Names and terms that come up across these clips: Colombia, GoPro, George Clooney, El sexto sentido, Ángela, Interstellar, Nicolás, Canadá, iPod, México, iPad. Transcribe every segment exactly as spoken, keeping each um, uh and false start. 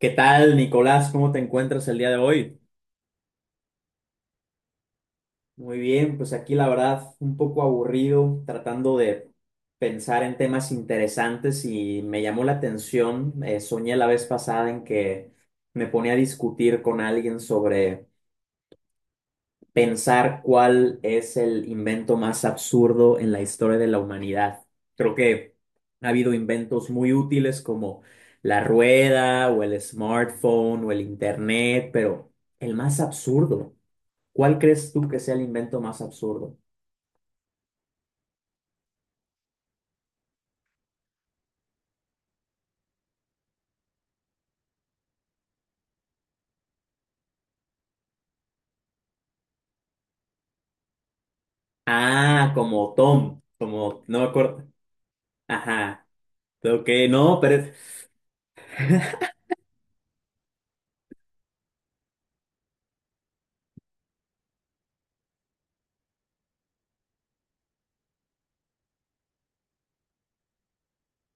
¿Qué tal, Nicolás? ¿Cómo te encuentras el día de hoy? Muy bien, pues aquí la verdad un poco aburrido, tratando de pensar en temas interesantes y me llamó la atención, eh, soñé la vez pasada en que me ponía a discutir con alguien sobre pensar cuál es el invento más absurdo en la historia de la humanidad. Creo que ha habido inventos muy útiles como la rueda o el smartphone o el internet, pero el más absurdo. ¿Cuál crees tú que sea el invento más absurdo? Ah, como Tom, como, no me acuerdo. Ajá, ok, no, pero es-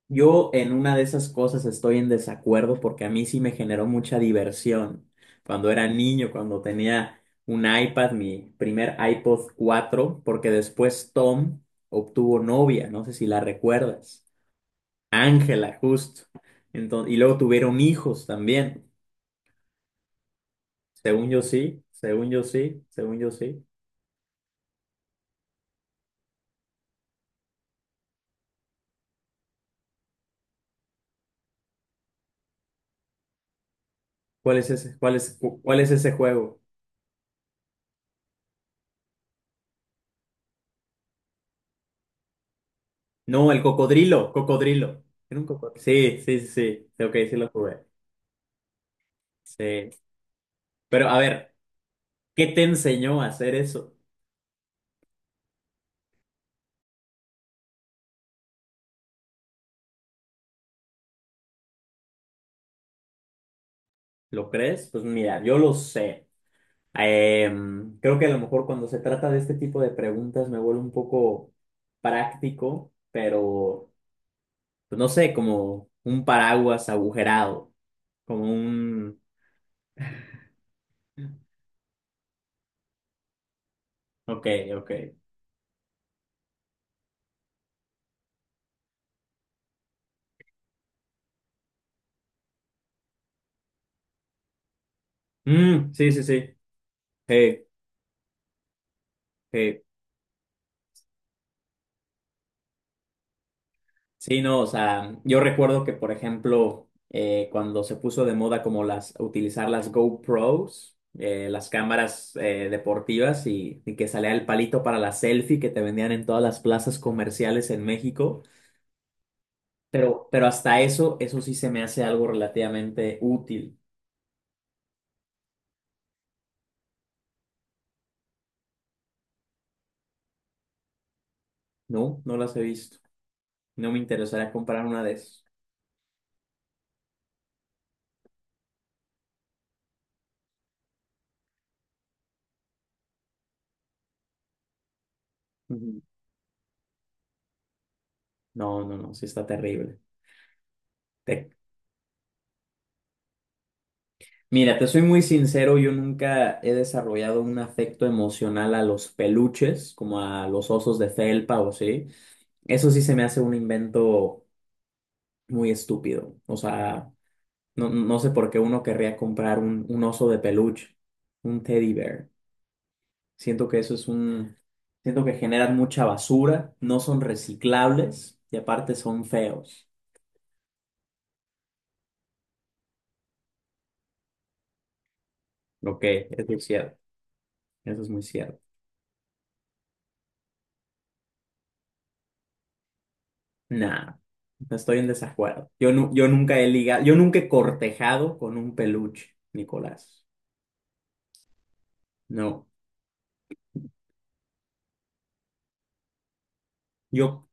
yo en una de esas cosas estoy en desacuerdo porque a mí sí me generó mucha diversión. Cuando era niño, cuando tenía un iPad, mi primer i Pod cuatro, porque después Tom obtuvo novia, no sé si la recuerdas. Ángela, justo. Entonces, y luego tuvieron hijos también. Según yo sí, según yo sí, según yo sí. ¿Cuál es ese? ¿Cuál es, cu- ¿cuál es ese juego? No, el cocodrilo, cocodrilo. Era un cocodrilo. Sí, sí, sí, sí. Sí, ok, sí lo jugué. Sí. Pero a ver, ¿qué te enseñó a hacer eso? ¿Lo crees? Pues mira, yo lo sé. Em, creo que a lo mejor cuando se trata de este tipo de preguntas me vuelvo un poco práctico, pero pues no sé, como un paraguas agujerado, como un... Ok, ok. Mm, sí, sí, sí. Hey, sí, no, o sea, yo recuerdo que, por ejemplo, eh, cuando se puso de moda como las, utilizar las GoPros, eh, las cámaras eh, deportivas y, y que salía el palito para la selfie que te vendían en todas las plazas comerciales en México, pero, pero hasta eso, eso sí se me hace algo relativamente útil, ¿no? No las he visto. No me interesaría comprar una de esas. Ujú. No, no, no, sí está terrible. Te- Mira, te soy muy sincero, yo nunca he desarrollado un afecto emocional a los peluches, como a los osos de felpa o así. Eso sí se me hace un invento muy estúpido. O sea, no, no sé por qué uno querría comprar un, un oso de peluche, un teddy bear. Siento que eso es un... Siento que generan mucha basura, no son reciclables y aparte son feos. Ok, eso es cierto, eso es muy cierto. Nah, no estoy en desacuerdo. Yo, nu- yo nunca he ligado, yo nunca he cortejado con un peluche, Nicolás. No. Yo,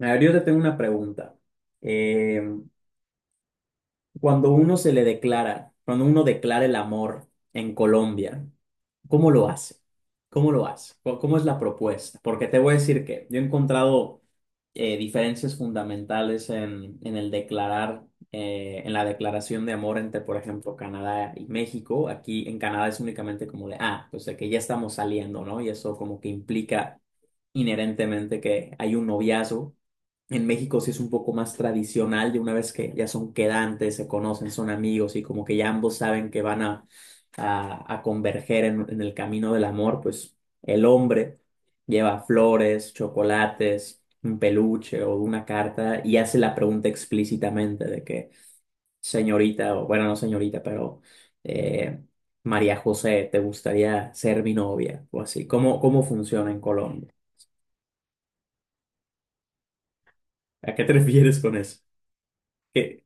a ver, yo te tengo una pregunta. Eh, Cuando uno se le declara, cuando uno declara el amor en Colombia, ¿cómo lo hace? ¿Cómo lo hace? ¿Cómo cómo es la propuesta? Porque te voy a decir que yo he encontrado eh, diferencias fundamentales en, en el declarar, eh, en la declaración de amor entre, por ejemplo, Canadá y México. Aquí en Canadá es únicamente como de, ah, pues de que ya estamos saliendo, ¿no? Y eso como que implica inherentemente que hay un noviazgo. En México sí es un poco más tradicional, de una vez que ya son quedantes, se conocen, son amigos y como que ya ambos saben que van a, a, a converger en, en el camino del amor, pues el hombre lleva flores, chocolates, un peluche o una carta y hace la pregunta explícitamente de que, señorita, o bueno, no señorita, pero eh, María José, ¿te gustaría ser mi novia? O así. ¿Cómo, cómo funciona en Colombia? ¿A qué te refieres con eso? ¿Qué?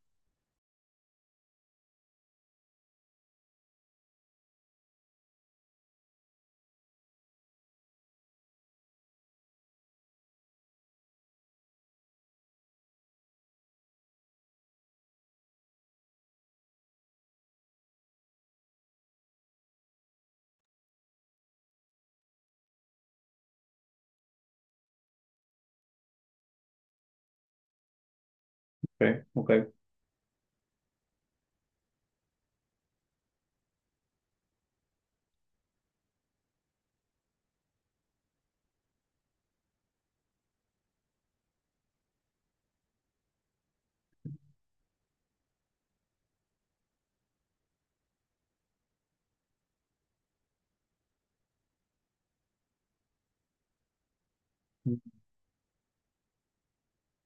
Ok, ok.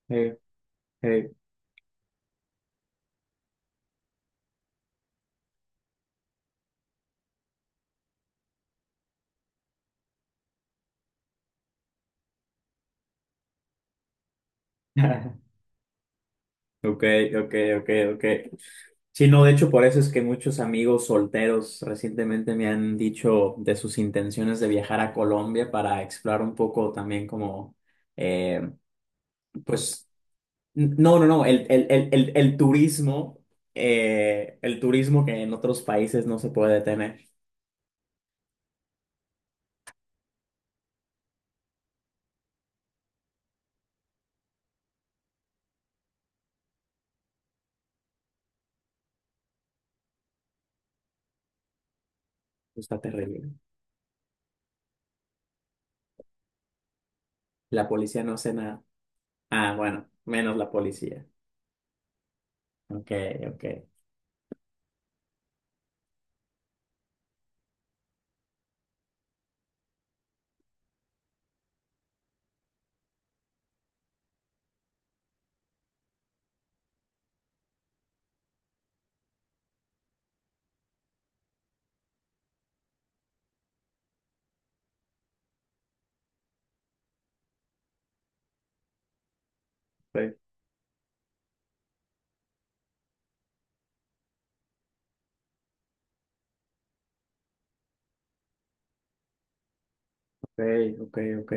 Hey, hey, ok, ok, ok, ok. Sí, no, de hecho, por eso es que muchos amigos solteros recientemente me han dicho de sus intenciones de viajar a Colombia para explorar un poco también como, eh, pues, n- no, no, no, el, el, el, el, el turismo, eh, el turismo que en otros países no se puede tener. Pues, está terrible. La policía no hace nada. Ah, bueno, menos la policía. Ok, ok. Ok, ok, ok. Ok.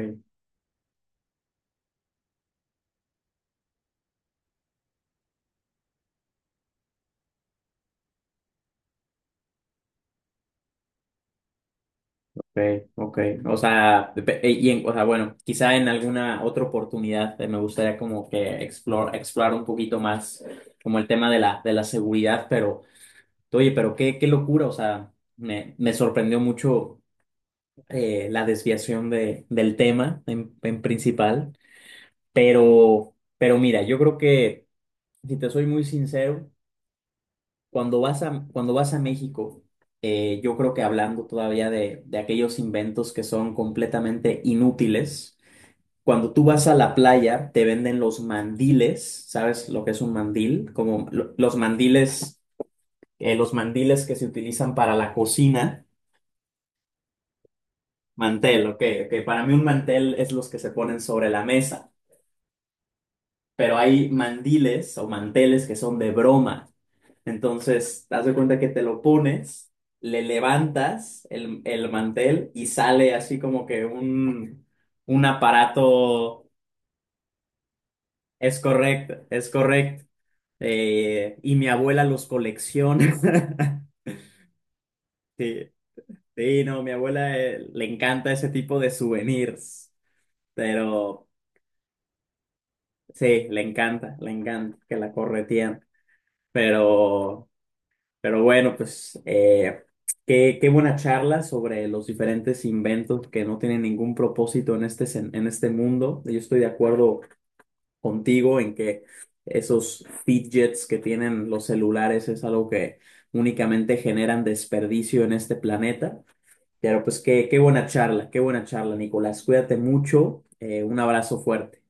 Okay, okay. O sea, dep- eh, y en, o sea, bueno, quizá en alguna otra oportunidad eh, me gustaría como que explore, explorar un poquito más como el tema de la, de la seguridad, pero oye, pero qué, qué locura, o sea, me, me sorprendió mucho eh, la desviación de, del tema en, en principal, pero, pero mira, yo creo que, si te soy muy sincero, cuando vas a, cuando vas a México, eh, yo creo que hablando todavía de, de aquellos inventos que son completamente inútiles, cuando tú vas a la playa te venden los mandiles, ¿sabes lo que es un mandil? Como lo- los mandiles, eh, los mandiles que se utilizan para la cocina, mantel, ok, ok, para mí un mantel es los que se ponen sobre la mesa, pero hay mandiles o manteles que son de broma. Entonces, haz de cuenta que te lo pones, le levantas el, el mantel y sale así como que un, un aparato. Es correcto, es correcto. Eh, y mi abuela los colecciona. Sí, sí, no, mi abuela eh, le encanta ese tipo de souvenirs, pero sí, le encanta, le encanta que la corretean. Pero Pero bueno, pues eh, qué, qué buena charla sobre los diferentes inventos que no tienen ningún propósito en este, sen- en este mundo. Yo estoy de acuerdo contigo en que esos fidgets que tienen los celulares es algo que únicamente generan desperdicio en este planeta. Pero pues qué, qué buena charla, qué buena charla, Nicolás. Cuídate mucho. Eh, un abrazo fuerte.